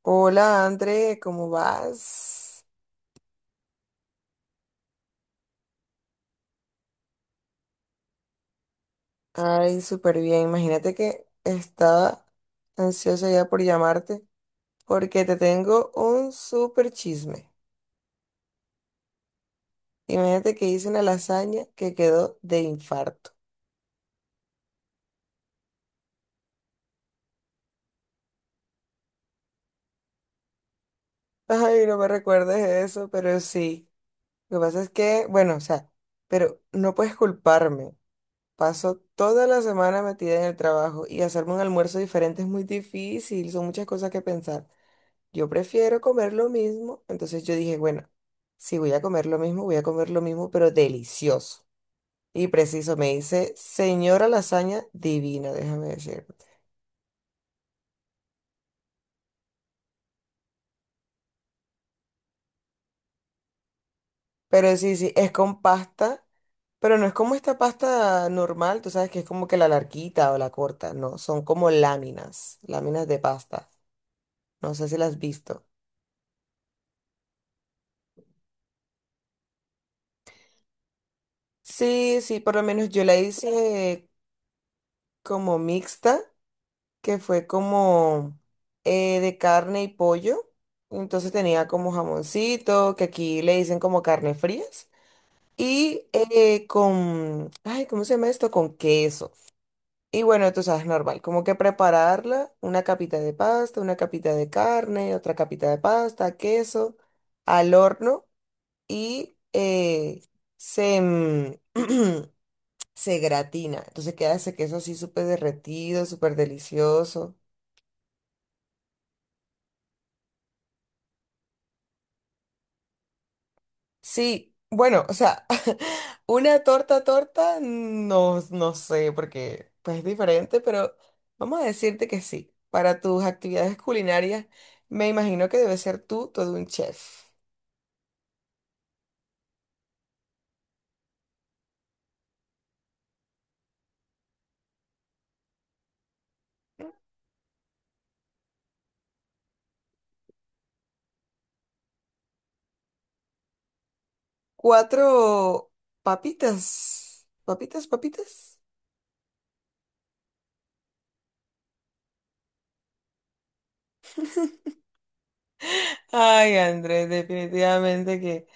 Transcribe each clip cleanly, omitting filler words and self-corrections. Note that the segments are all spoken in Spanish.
Hola André, ¿cómo vas? Ay, súper bien. Imagínate que estaba ansiosa ya por llamarte porque te tengo un súper chisme. Imagínate que hice una lasaña que quedó de infarto. Ay, no me recuerdes eso, pero sí. Lo que pasa es que, bueno, o sea, pero no puedes culparme. Paso toda la semana metida en el trabajo y hacerme un almuerzo diferente es muy difícil, son muchas cosas que pensar. Yo prefiero comer lo mismo. Entonces yo dije, bueno, si voy a comer lo mismo, voy a comer lo mismo, pero delicioso. Y preciso, me dice, señora lasaña divina, déjame decirte. Pero sí, sí, es con pasta, pero no es como esta pasta normal, tú sabes que es como que la larguita o la corta, no, son como láminas, láminas de pasta. No sé si las has visto. Sí, sí, por lo menos yo la hice como mixta, que fue como de carne y pollo. Entonces tenía como jamoncito, que aquí le dicen como carne frías. Y ay, ¿cómo se llama esto? Con queso. Y bueno, tú sabes, normal, como que prepararla, una capita de pasta, una capita de carne, otra capita de pasta, queso, al horno y se, mm, se gratina. Entonces queda ese queso así súper derretido, súper delicioso. Sí, bueno, o sea, una torta torta, no, no sé, porque pues es diferente, pero vamos a decirte que sí. Para tus actividades culinarias, me imagino que debes ser tú todo un chef. Cuatro papitas. Ay, Andrés, definitivamente que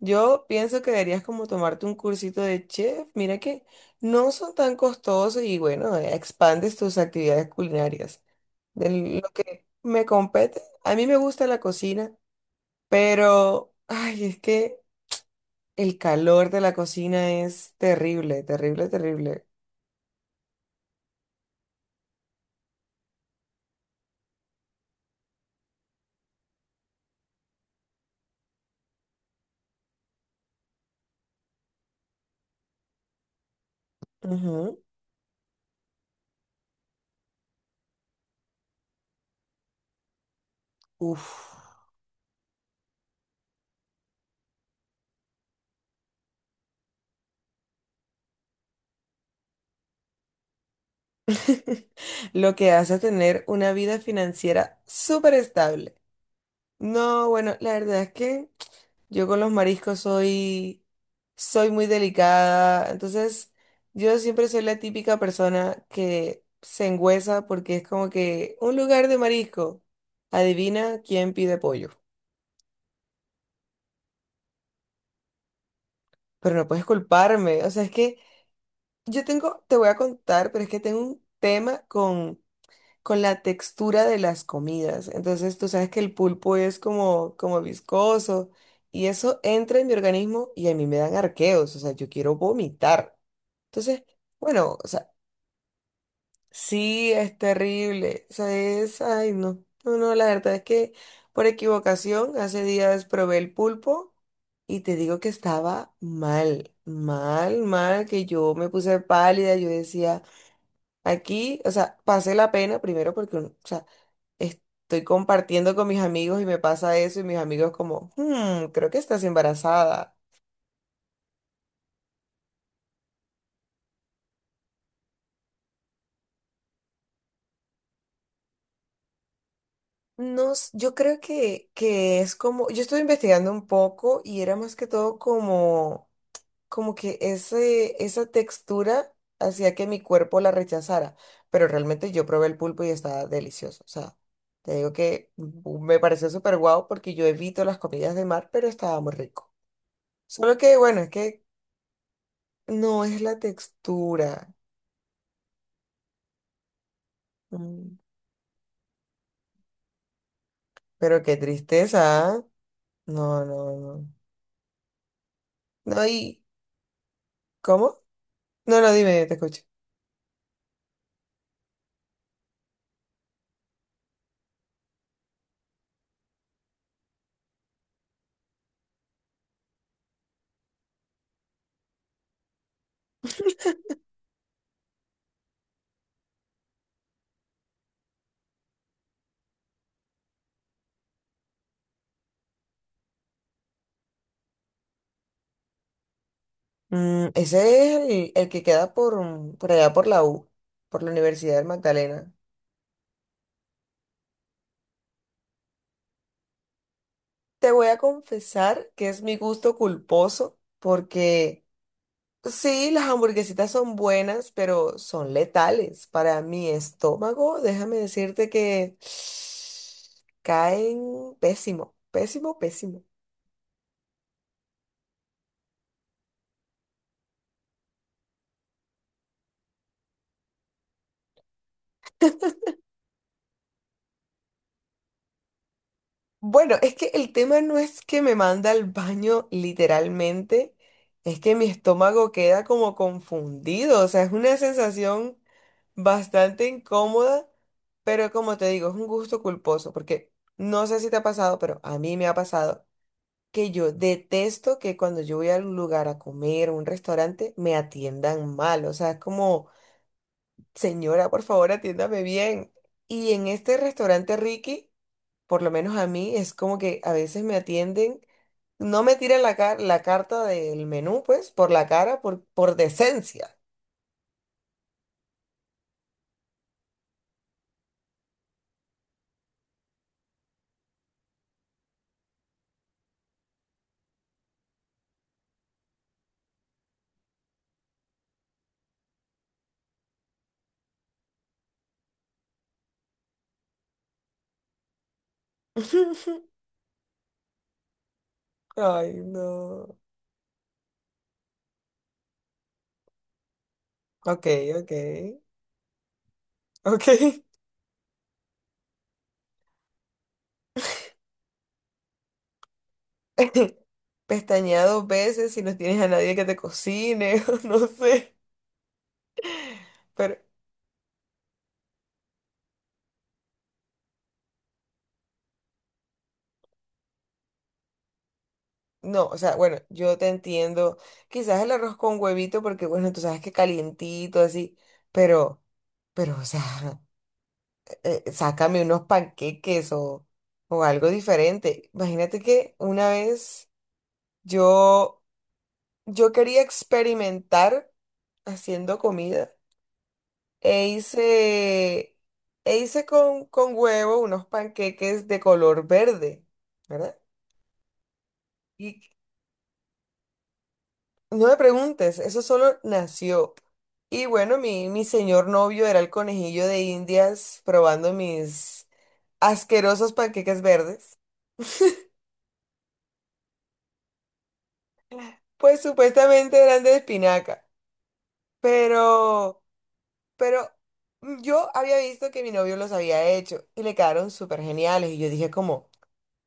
yo pienso que deberías como tomarte un cursito de chef. Mira que no son tan costosos y bueno, expandes tus actividades culinarias. De lo que me compete, a mí me gusta la cocina, pero ay, es que el calor de la cocina es terrible, terrible, terrible. Ujú. Uf. Lo que hace tener una vida financiera súper estable. No, bueno, la verdad es que yo con los soy muy delicada. Entonces, yo siempre soy la típica persona que se engüesa porque es como que un lugar de marisco. Adivina quién pide pollo. Pero no puedes culparme. O sea, es que yo tengo, te voy a contar, pero es que tengo un tema con la textura de las comidas. Entonces, tú sabes que el pulpo es como viscoso y eso entra en mi organismo y a mí me dan arqueos, o sea, yo quiero vomitar. Entonces, bueno, o sea, sí es terrible, o sea, es, ay, no, no, no, la verdad es que por equivocación hace días probé el pulpo y te digo que estaba mal, mal, mal, que yo me puse pálida, yo decía, aquí, o sea, pasé la pena primero porque, o sea, estoy compartiendo con mis amigos y me pasa eso y mis amigos como, "Hmm, creo que estás embarazada." No, s- Yo creo que es como, yo estuve investigando un poco y era más que todo como, como que esa textura hacía que mi cuerpo la rechazara, pero realmente yo probé el pulpo y estaba delicioso, o sea, te digo que me pareció súper guau porque yo evito las comidas de mar, pero estaba muy rico. Solo que, bueno, es que no es la textura. mm, Pero qué tristeza, ¿ah? No, no, no. No, ¿y cómo? No, no, dime, te escucho. Mm, ese es el que queda por, por allá por la U, por la Universidad del Magdalena. Te voy a confesar que es mi gusto culposo, porque sí, las hamburguesitas son buenas, pero son letales para mi estómago. Déjame decirte que caen pésimo, pésimo, pésimo. Bueno, es que el tema no es que me manda al baño literalmente, es que mi estómago queda como confundido, o sea, es una sensación bastante incómoda, pero como te digo, es un gusto culposo, porque no sé si te ha pasado, pero a mí me ha pasado que yo detesto que cuando yo voy a un lugar a comer, a un restaurante, me atiendan mal, o sea, es como, señora, por favor, atiéndame bien. Y en este restaurante Ricky por lo menos a mí, es como que a veces me atienden, no me tiran la carta del menú, pues, por la cara, por decencia. Ay, no. Ok, ok, ok. Pestañea dos veces si no tienes a nadie que te cocine, o no sé. pero No, o sea, bueno, yo te entiendo. Quizás el arroz con huevito, porque bueno, tú sabes que calientito, así, pero, o sea, sácame unos panqueques o algo diferente. Imagínate que una vez yo, yo quería experimentar haciendo comida e hice, e hice con huevo unos panqueques de color verde, ¿verdad? Y no me preguntes, eso solo nació. Y bueno, mi señor novio era el conejillo de Indias probando mis asquerosos panqueques verdes. Pues supuestamente eran de espinaca, pero, pero yo había visto que mi novio los había hecho y le quedaron súper geniales. Y yo dije como,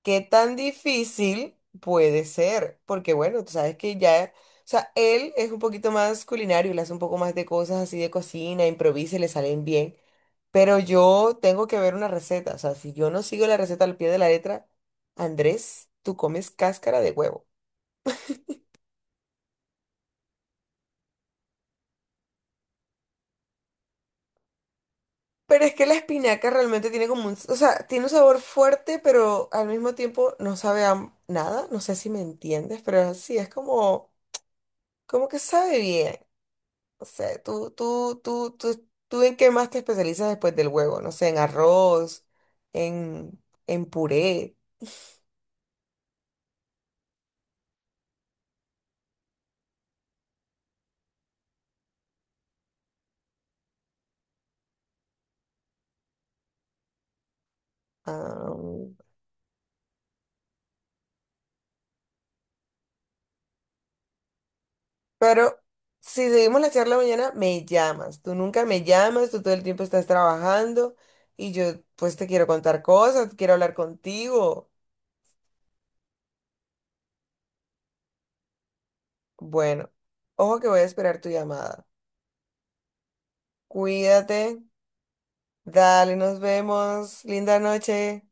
¿qué tan difícil puede ser? Porque bueno, tú sabes que ya, o sea, él es un poquito más culinario, le hace un poco más de cosas así de cocina, improvisa y le salen bien. Pero yo tengo que ver una receta, o sea, si yo no sigo la receta al pie de la letra, Andrés, tú comes cáscara de huevo. Pero es que la espinaca realmente tiene como un, o sea, tiene un sabor fuerte, pero al mismo tiempo no sabe a nada, no sé si me entiendes, pero sí, es como, como que sabe bien. O sea, tú en qué más te especializas después del huevo, no sé, en arroz, en, en puré. Ah, pero si seguimos la charla mañana, me llamas. Tú nunca me llamas, tú todo el tiempo estás trabajando y yo pues te quiero contar cosas, quiero hablar contigo. Bueno, ojo que voy a esperar tu llamada. Cuídate, dale, nos vemos, linda noche.